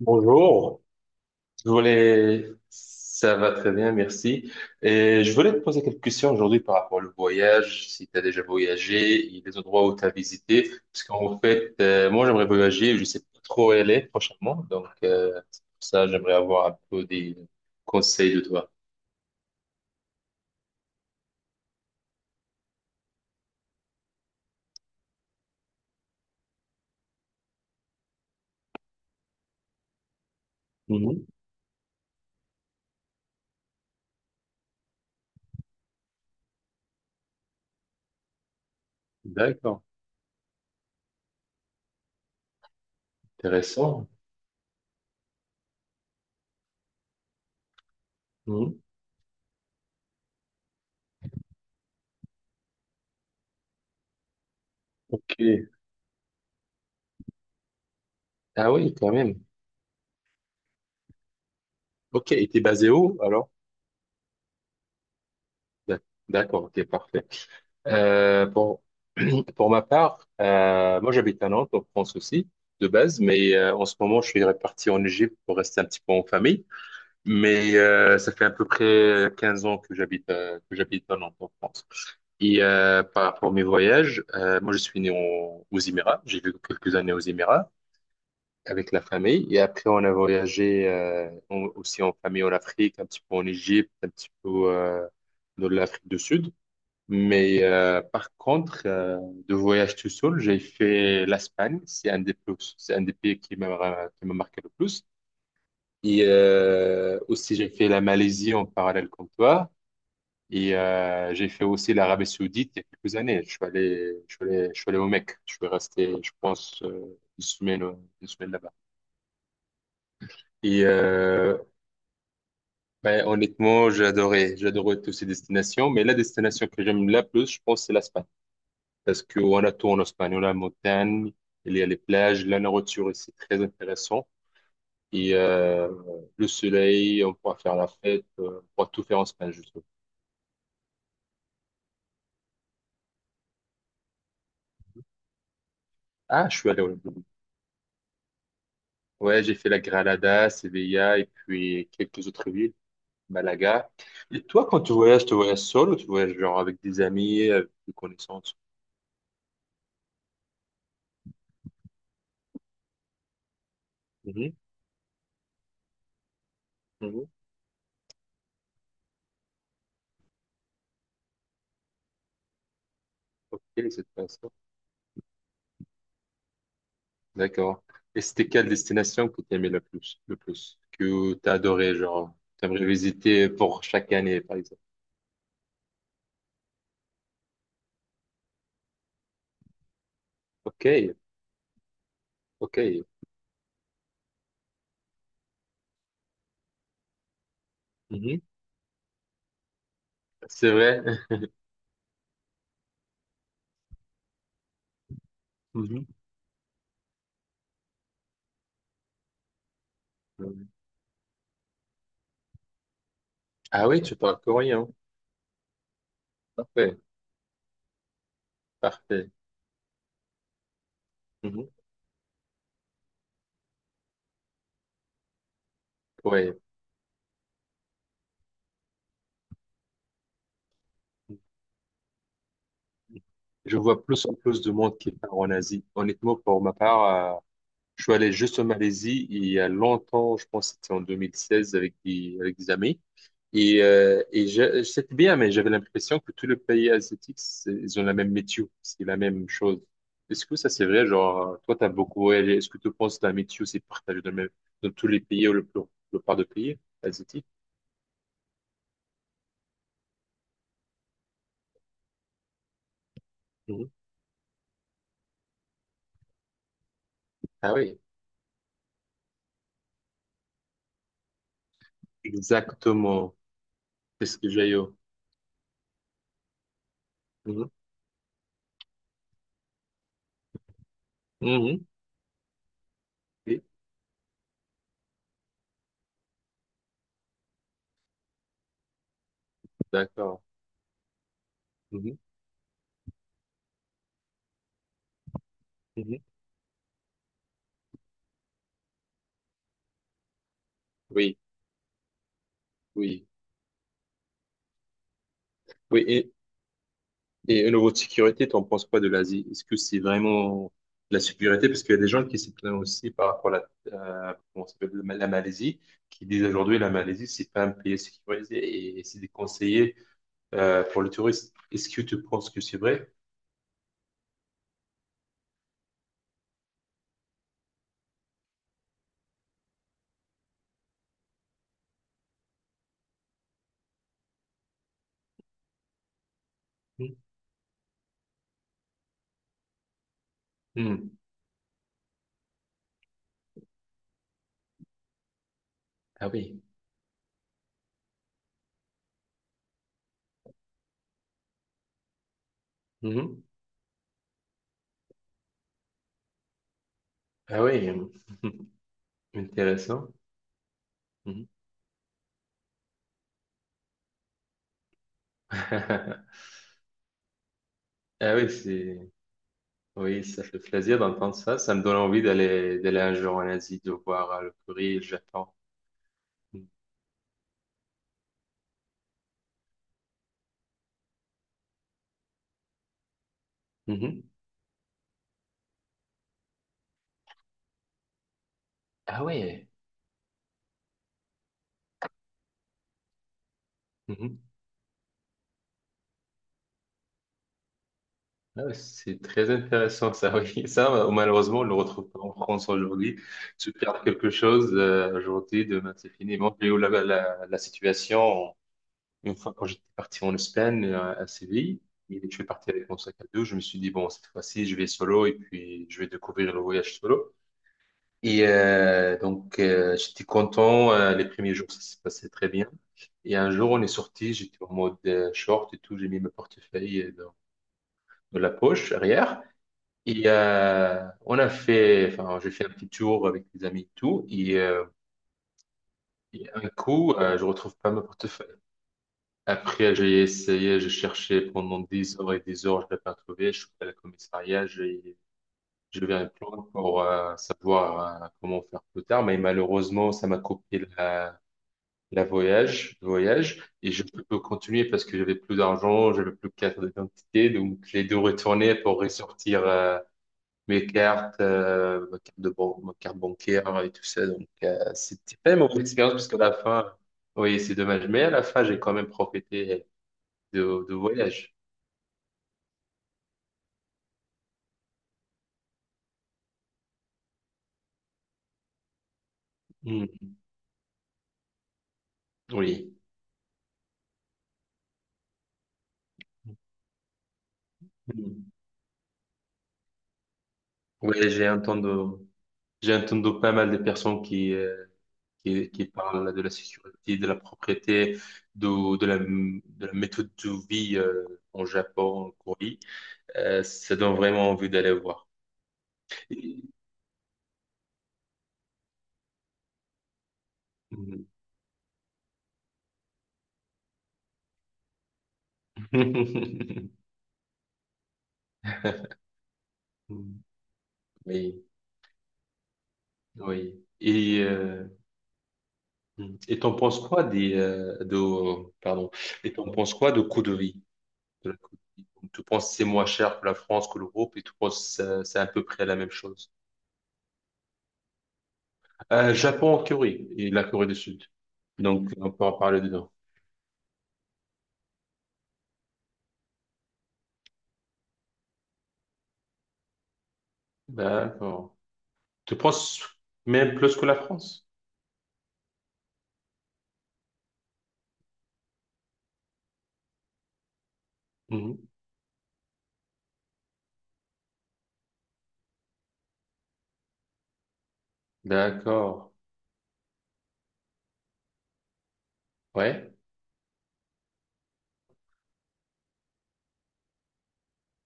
Bonjour, ça va très bien, merci. Et je voulais te poser quelques questions aujourd'hui par rapport au voyage, si tu as déjà voyagé, il y a des endroits où tu as visité, parce qu'en fait, moi j'aimerais voyager, je sais pas trop où aller prochainement, donc c'est pour ça j'aimerais avoir un peu des conseils de toi. Mhm. D'accord, intéressant. Mhm. Ok, ah oui, quand même. Ok, et t'es basé où alors? D'ac- D'accord, ok, parfait. Euh, pour, pour ma part, moi j'habite à Nantes, en France aussi, de base, mais en ce moment je suis reparti en Égypte pour rester un petit peu en famille. Mais ça fait à peu près 15 ans que j'habite à Nantes, en France. Et par rapport à mes voyages, moi je suis né aux Émirats, j'ai vécu quelques années aux Émirats avec la famille. Et après on a voyagé aussi en famille en Afrique, un petit peu en Égypte, un petit peu dans l'Afrique du Sud. Mais par contre, de voyage tout seul, j'ai fait l'Espagne. C'est un des pays qui m'a marqué le plus. Et aussi, j'ai fait la Malaisie en parallèle comme toi. Et j'ai fait aussi l'Arabie Saoudite il y a quelques années. Je suis allé au Mecque. Je suis resté, je pense, une semaine là-bas. Et ben, honnêtement, j'ai adoré toutes ces destinations. Mais la destination que j'aime la plus, je pense, c'est l'Espagne. Parce qu'on a tout en Espagne. On a la montagne, il y a les plages, la nourriture ici, très intéressant. Et le soleil, on pourra faire la fête, on pourra tout faire en Espagne, je trouve. Ah, je suis allé au... Ouais, j'ai fait la Granada, Sevilla et puis quelques autres villes, Malaga. Et toi, quand tu voyages seul ou tu voyages genre avec des amis, avec des connaissances? Mhm, mhm. Ok, c'est intéressant. D'accord. Et c'était quelle destination que tu aimais le plus, que tu as adoré, genre, t'aimerais visiter pour chaque année, par exemple. OK, OK. Mhm. C'est vrai. Mhm. Ah oui, tu parles coréen. Parfait, parfait. Mhm. Ouais. Je vois plus en plus de monde qui part en Asie. Honnêtement, pour ma part. Je suis allé juste en Malaisie il y a longtemps, je pense que c'était en 2016 avec des amis. Et c'était bien, mais j'avais l'impression que tous les pays asiatiques, ils ont la même météo, c'est la même chose. Est-ce que ça c'est vrai? Genre, toi, tu as beaucoup voyagé. Est-ce que tu penses que la météo, c'est partagé dans tous les pays ou le part de pays asiatiques? Mhm. Ah oui, exactement. C'est ce que j'ai eu. Mhm. Mhm. Oui, d'accord. Mhm. Mhm. Oui, oui. Oui, et au niveau de sécurité, t'en penses quoi de l'Asie? Est-ce que c'est vraiment de la sécurité? Parce qu'il y a des gens qui s'y plaignent aussi par rapport à comment ça s'appelle, la Malaisie, qui disent aujourd'hui la Malaisie, c'est pas un pays sécurisé et c'est déconseillé pour le tourisme. Est-ce que tu penses que c'est vrai? Mhm. Mhm. Ah oui. Mhm. Ah oui. Intéressant. Mhm. Ah oui, c'est oui, ça fait plaisir d'entendre ça. Ça me donne envie d'aller un jour en Asie, de voir le Corée et le Japon. Mhm. Ah ouais. Mhm. Ah ouais, c'est très intéressant ça, oui. Ça, malheureusement, on ne le retrouve pas en France aujourd'hui. Tu perds quelque chose aujourd'hui, demain c'est fini. Moi, j'ai eu la situation, une fois quand j'étais parti en Espagne, à Séville, et je suis parti avec mon sac à dos, je me suis dit, bon, cette fois-ci, je vais solo et puis je vais découvrir le voyage solo. Et donc, j'étais content. Les premiers jours, ça se passait très bien. Et un jour, on est sorti, j'étais en mode short et tout, j'ai mis mon portefeuille de la poche arrière. Et on a fait, enfin, j'ai fait un petit tour avec des amis et tout. Et un coup, je retrouve pas mon portefeuille. Après, j'ai essayé, j'ai cherché pendant des heures et des heures, je l'ai pas trouvé. Je suis allé à la commissariat, j'ai levé un plan pour savoir comment faire plus tard. Mais malheureusement, ça m'a coupé le voyage. Et je peux pas continuer parce que j'avais plus d'argent, j'avais plus de carte d'identité. Donc, j'ai dû retourner pour ressortir ma carte bancaire et tout ça. Donc, c'était pas une mauvaise expérience parce qu'à la fin, oui, c'est dommage. Mais à la fin, j'ai quand même profité de voyage. Mm. Oui. Mm. Oui, j'ai entendu pas mal de personnes qui, qui parlent de la sécurité, de la propriété, de la méthode de vie, en Japon, en Corée. Ça donne vraiment envie d'aller voir. Et- Mm. Oui. Oui. Et t'en penses quoi des de pardon. Et t'en penses quoi de coût de vie? De la coût de vie. Donc, tu penses que c'est moins cher que la France, que l'Europe, et tu penses que c'est à peu près la même chose. Japon en Corée et la Corée du Sud. Donc on peut en parler dedans. D'accord. Tu penses même plus que la France? Mhm. D'accord. Ouais.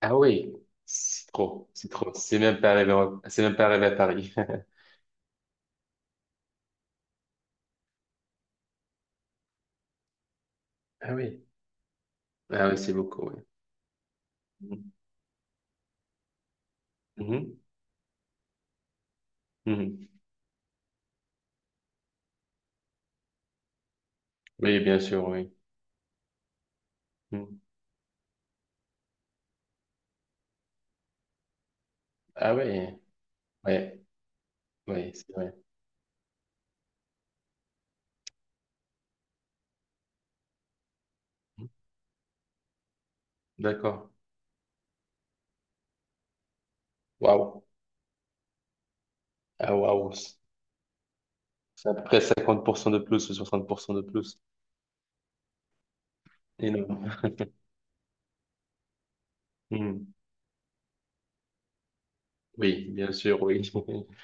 Ah oui. C'est trop. C'est trop. C'est même pas arrivé. C'est même pas arrivé à Paris. Ah oui. Ah oui, c'est beaucoup. Oui. Mhm. Mhm. Oui, bien sûr, oui. Mm. Ah oui, ouais, ouais c'est vrai. Mm. D'accord. Waouh. Ah waouh. C'est à peu près 50% de plus ou 60% de plus. Énorme. Mm. Oui, bien sûr, oui.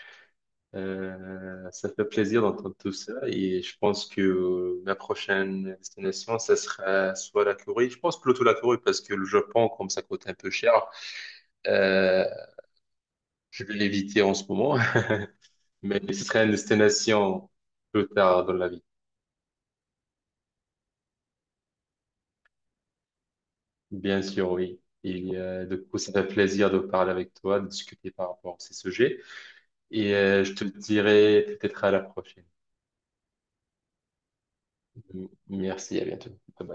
Ça fait plaisir d'entendre tout ça et je pense que la prochaine destination, ça sera soit la Corée. Je pense plutôt la Corée parce que le Japon, comme ça coûte un peu cher, euh, je vais l'éviter en ce moment, mais ce serait une destination plus tard dans la vie. Bien sûr, oui. Et du coup, ça fait plaisir de parler avec toi, de discuter par rapport à ces sujets. Et je te dirai peut-être à la prochaine. Merci, à bientôt. Bye bye.